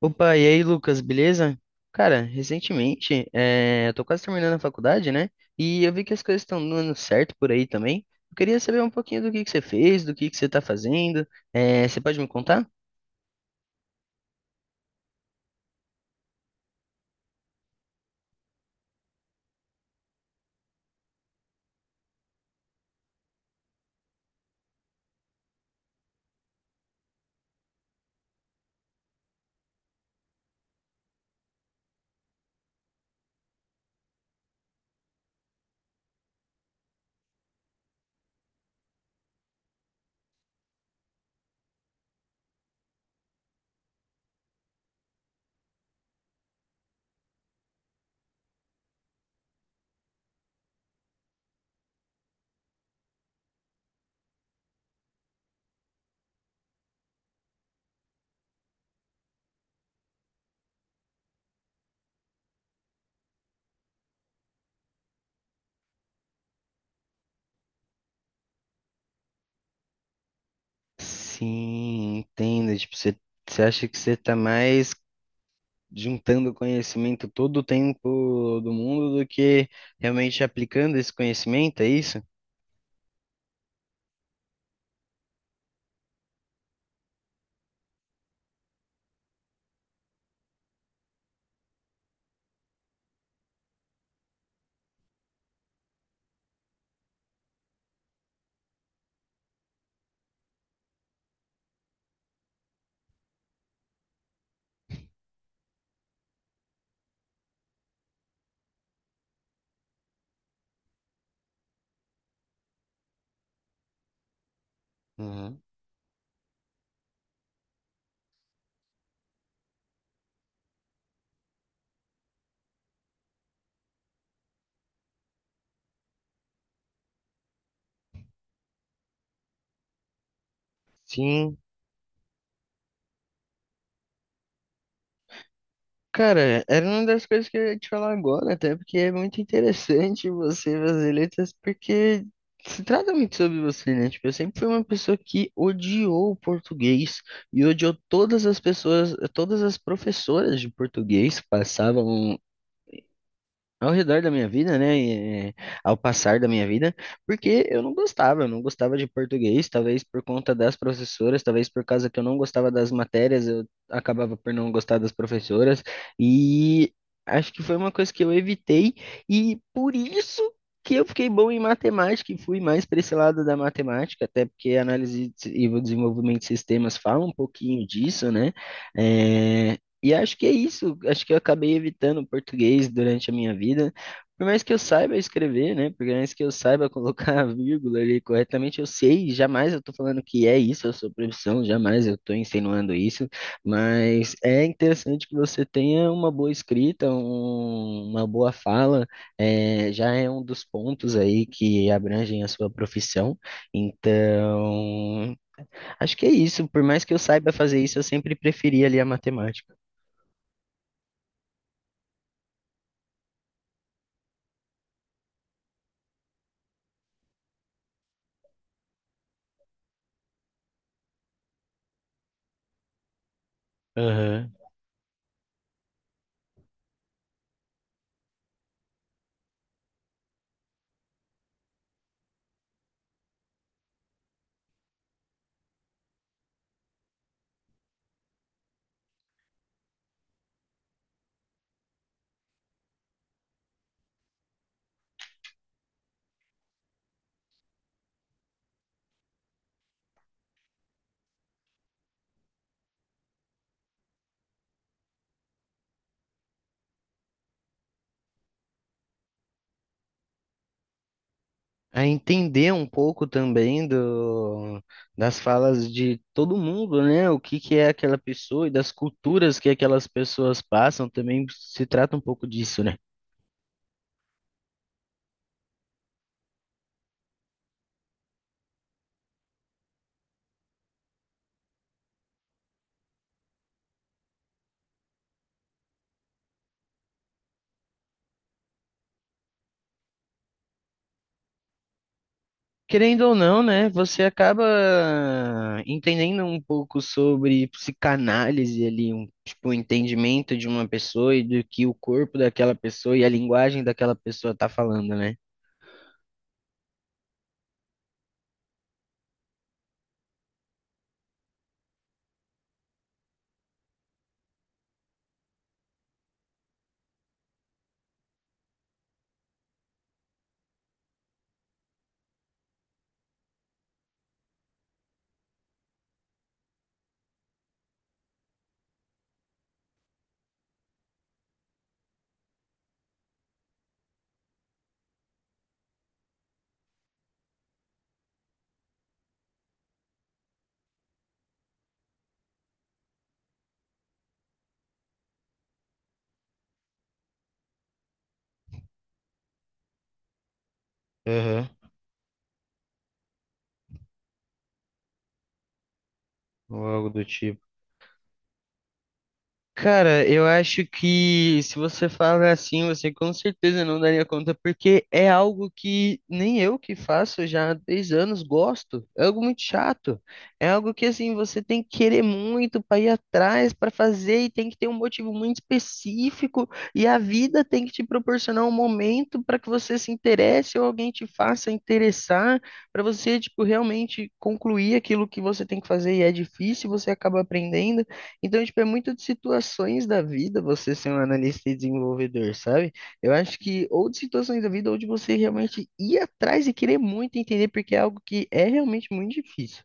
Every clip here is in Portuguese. Opa, e aí, Lucas, beleza? Cara, recentemente, eu tô quase terminando a faculdade, né? E eu vi que as coisas estão dando certo por aí também. Eu queria saber um pouquinho do que você fez, do que você tá fazendo. Você pode me contar? Sim, entendo. Tipo, você acha que você tá mais juntando conhecimento todo o tempo do mundo do que realmente aplicando esse conhecimento, é isso? Uhum. Sim. Cara, era uma das coisas que eu ia te falar agora, até porque é muito interessante você fazer letras, porque se trata muito sobre você, né? Tipo, eu sempre fui uma pessoa que odiou o português e odiou todas as pessoas, todas as professoras de português que passavam ao redor da minha vida, né, e, ao passar da minha vida, porque eu não eu não gostava de português, talvez por conta das professoras, talvez por causa que eu não gostava das matérias, eu acabava por não gostar das professoras, e acho que foi uma coisa que eu evitei, e por isso que eu fiquei bom em matemática e fui mais para esse lado da matemática, até porque a análise e o desenvolvimento de sistemas falam um pouquinho disso, né? eh, e acho que é isso. Acho que eu acabei evitando o português durante a minha vida. Por mais que eu saiba escrever, né? Por mais que eu saiba colocar a vírgula ali corretamente, eu sei, jamais eu tô falando que é isso a sua profissão, jamais eu tô insinuando isso, mas é interessante que você tenha uma boa escrita, uma boa fala, é, já é um dos pontos aí que abrangem a sua profissão. Então, acho que é isso. Por mais que eu saiba fazer isso, eu sempre preferi ali a matemática. Aham. A entender um pouco também do, das falas de todo mundo, né? O que que é aquela pessoa e das culturas que aquelas pessoas passam também se trata um pouco disso, né? Querendo ou não, né? Você acaba entendendo um pouco sobre psicanálise ali, um tipo, o entendimento de uma pessoa e do que o corpo daquela pessoa e a linguagem daquela pessoa tá falando, né? Aham. Ou algo do tipo. Cara, eu acho que se você fala assim, você com certeza não daria conta, porque é algo que nem eu que faço já há 10 anos gosto. É algo muito chato. É algo que assim, você tem que querer muito para ir atrás, para fazer e tem que ter um motivo muito específico e a vida tem que te proporcionar um momento para que você se interesse ou alguém te faça interessar, para você tipo realmente concluir aquilo que você tem que fazer e é difícil, você acaba aprendendo. Então, tipo, é muito de situações da vida você ser um analista e desenvolvedor, sabe? Eu acho que ou de situações da vida ou de você realmente ir atrás e querer muito entender, porque é algo que é realmente muito difícil.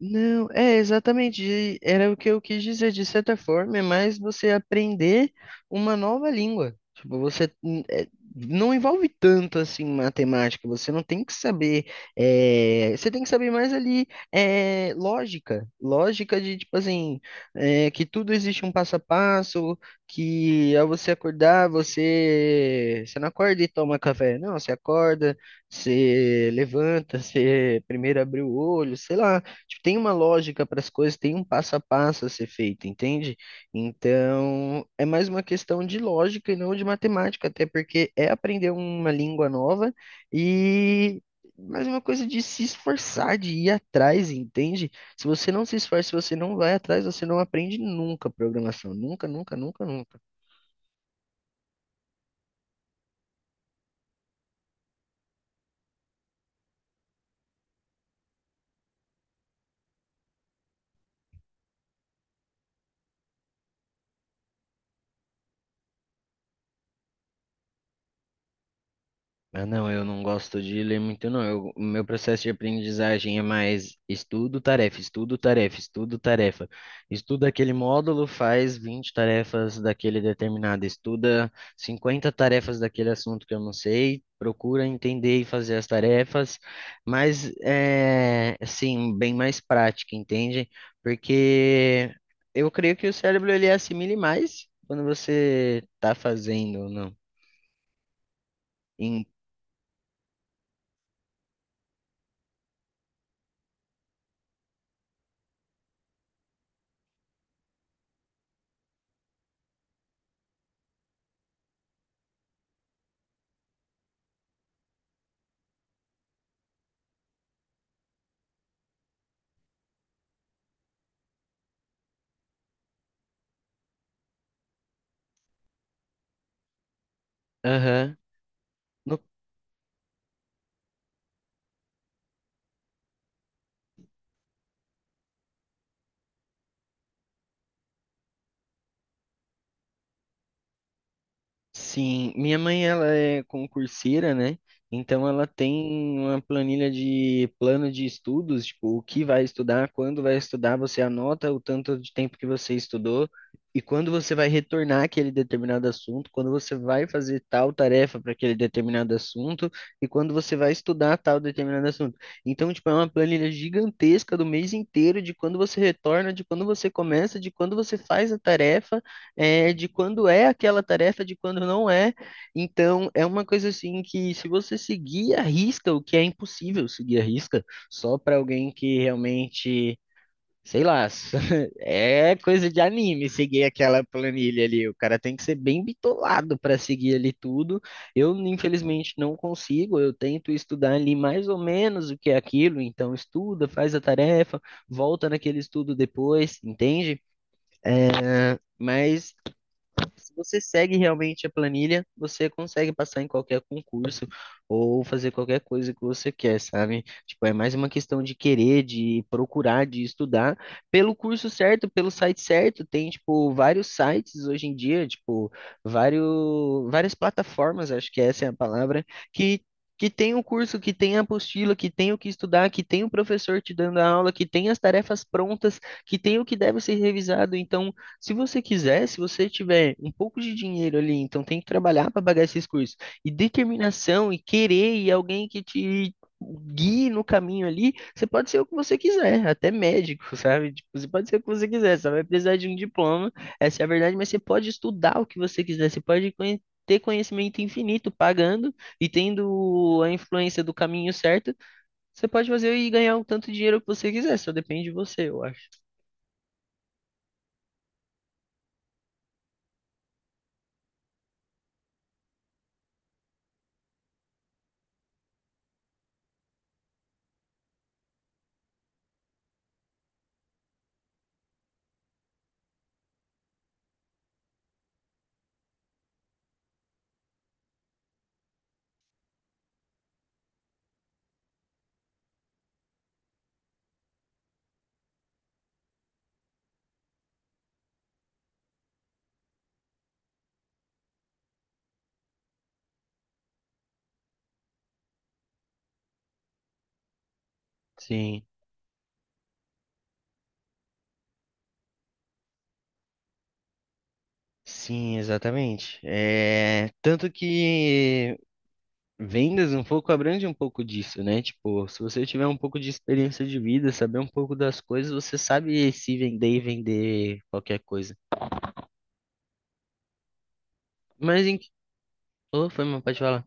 Não, é exatamente, e era o que eu quis dizer, de certa forma, é mais você aprender uma nova língua. Tipo, você não envolve tanto assim matemática, você não tem que saber, é, você tem que saber mais ali lógica, lógica de tipo assim, é, que tudo existe um passo a passo, que ao você acordar, você não acorda e toma café, não, você acorda, você levanta, você primeiro abre o olho, sei lá. Tipo, tem uma lógica para as coisas, tem um passo a passo a ser feito, entende? Então, é mais uma questão de lógica e não de matemática, até porque é aprender uma língua nova e mais uma coisa de se esforçar, de ir atrás, entende? Se você não se esforça, se você não vai atrás, você não aprende nunca programação, nunca, nunca, nunca, nunca. Ah, não, eu não gosto de ler muito, não. O meu processo de aprendizagem é mais estudo, tarefa, estudo, tarefa, estudo, tarefa. Estuda aquele módulo, faz 20 tarefas daquele determinado, estuda 50 tarefas daquele assunto que eu não sei, procura entender e fazer as tarefas, mas é, assim, bem mais prática, entende? Porque eu creio que o cérebro ele assimile mais quando você está fazendo, não? Em, Aham. No Sim, minha mãe ela é concurseira, né? Então ela tem uma planilha de plano de estudos, tipo, o que vai estudar, quando vai estudar, você anota o tanto de tempo que você estudou e quando você vai retornar aquele determinado assunto, quando você vai fazer tal tarefa para aquele determinado assunto e quando você vai estudar tal determinado assunto. Então, tipo, é uma planilha gigantesca do mês inteiro de quando você retorna, de quando você começa, de quando você faz a tarefa de quando é aquela tarefa, de quando não é. Então, é uma coisa assim que se você seguir a risca, o que é impossível seguir a risca, só para alguém que realmente, sei lá, é coisa de anime seguir aquela planilha ali. O cara tem que ser bem bitolado para seguir ali tudo. Eu, infelizmente, não consigo. Eu tento estudar ali mais ou menos o que é aquilo, então estuda, faz a tarefa, volta naquele estudo depois, entende? É, mas se você segue realmente a planilha, você consegue passar em qualquer concurso ou fazer qualquer coisa que você quer, sabe? Tipo, é mais uma questão de querer, de procurar, de estudar pelo curso certo, pelo site certo. Tem, tipo, vários sites hoje em dia, tipo, vários, várias plataformas, acho que essa é a palavra, que que tem o curso, que tem a apostila, que tem o que estudar, que tem o professor te dando a aula, que tem as tarefas prontas, que tem o que deve ser revisado. Então, se você quiser, se você tiver um pouco de dinheiro ali, então tem que trabalhar para pagar esses cursos. E determinação e querer e alguém que te guie no caminho ali, você pode ser o que você quiser, até médico, sabe? Tipo, você pode ser o que você quiser, você vai precisar de um diploma, essa é a verdade, mas você pode estudar o que você quiser, você pode ter conhecimento infinito pagando e tendo a influência do caminho certo, você pode fazer e ganhar o tanto de dinheiro que você quiser, só depende de você, eu acho. Sim. Sim, exatamente. É, tanto que vendas um pouco abrange um pouco disso, né? Tipo, se você tiver um pouco de experiência de vida, saber um pouco das coisas, você sabe se vender e vender qualquer coisa. Mas em... Oh, foi, mano, pode falar.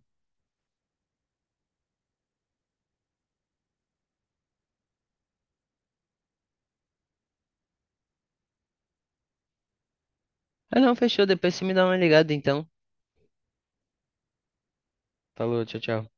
Ah, não, fechou. Depois você me dá uma ligada, então. Falou, tchau, tchau.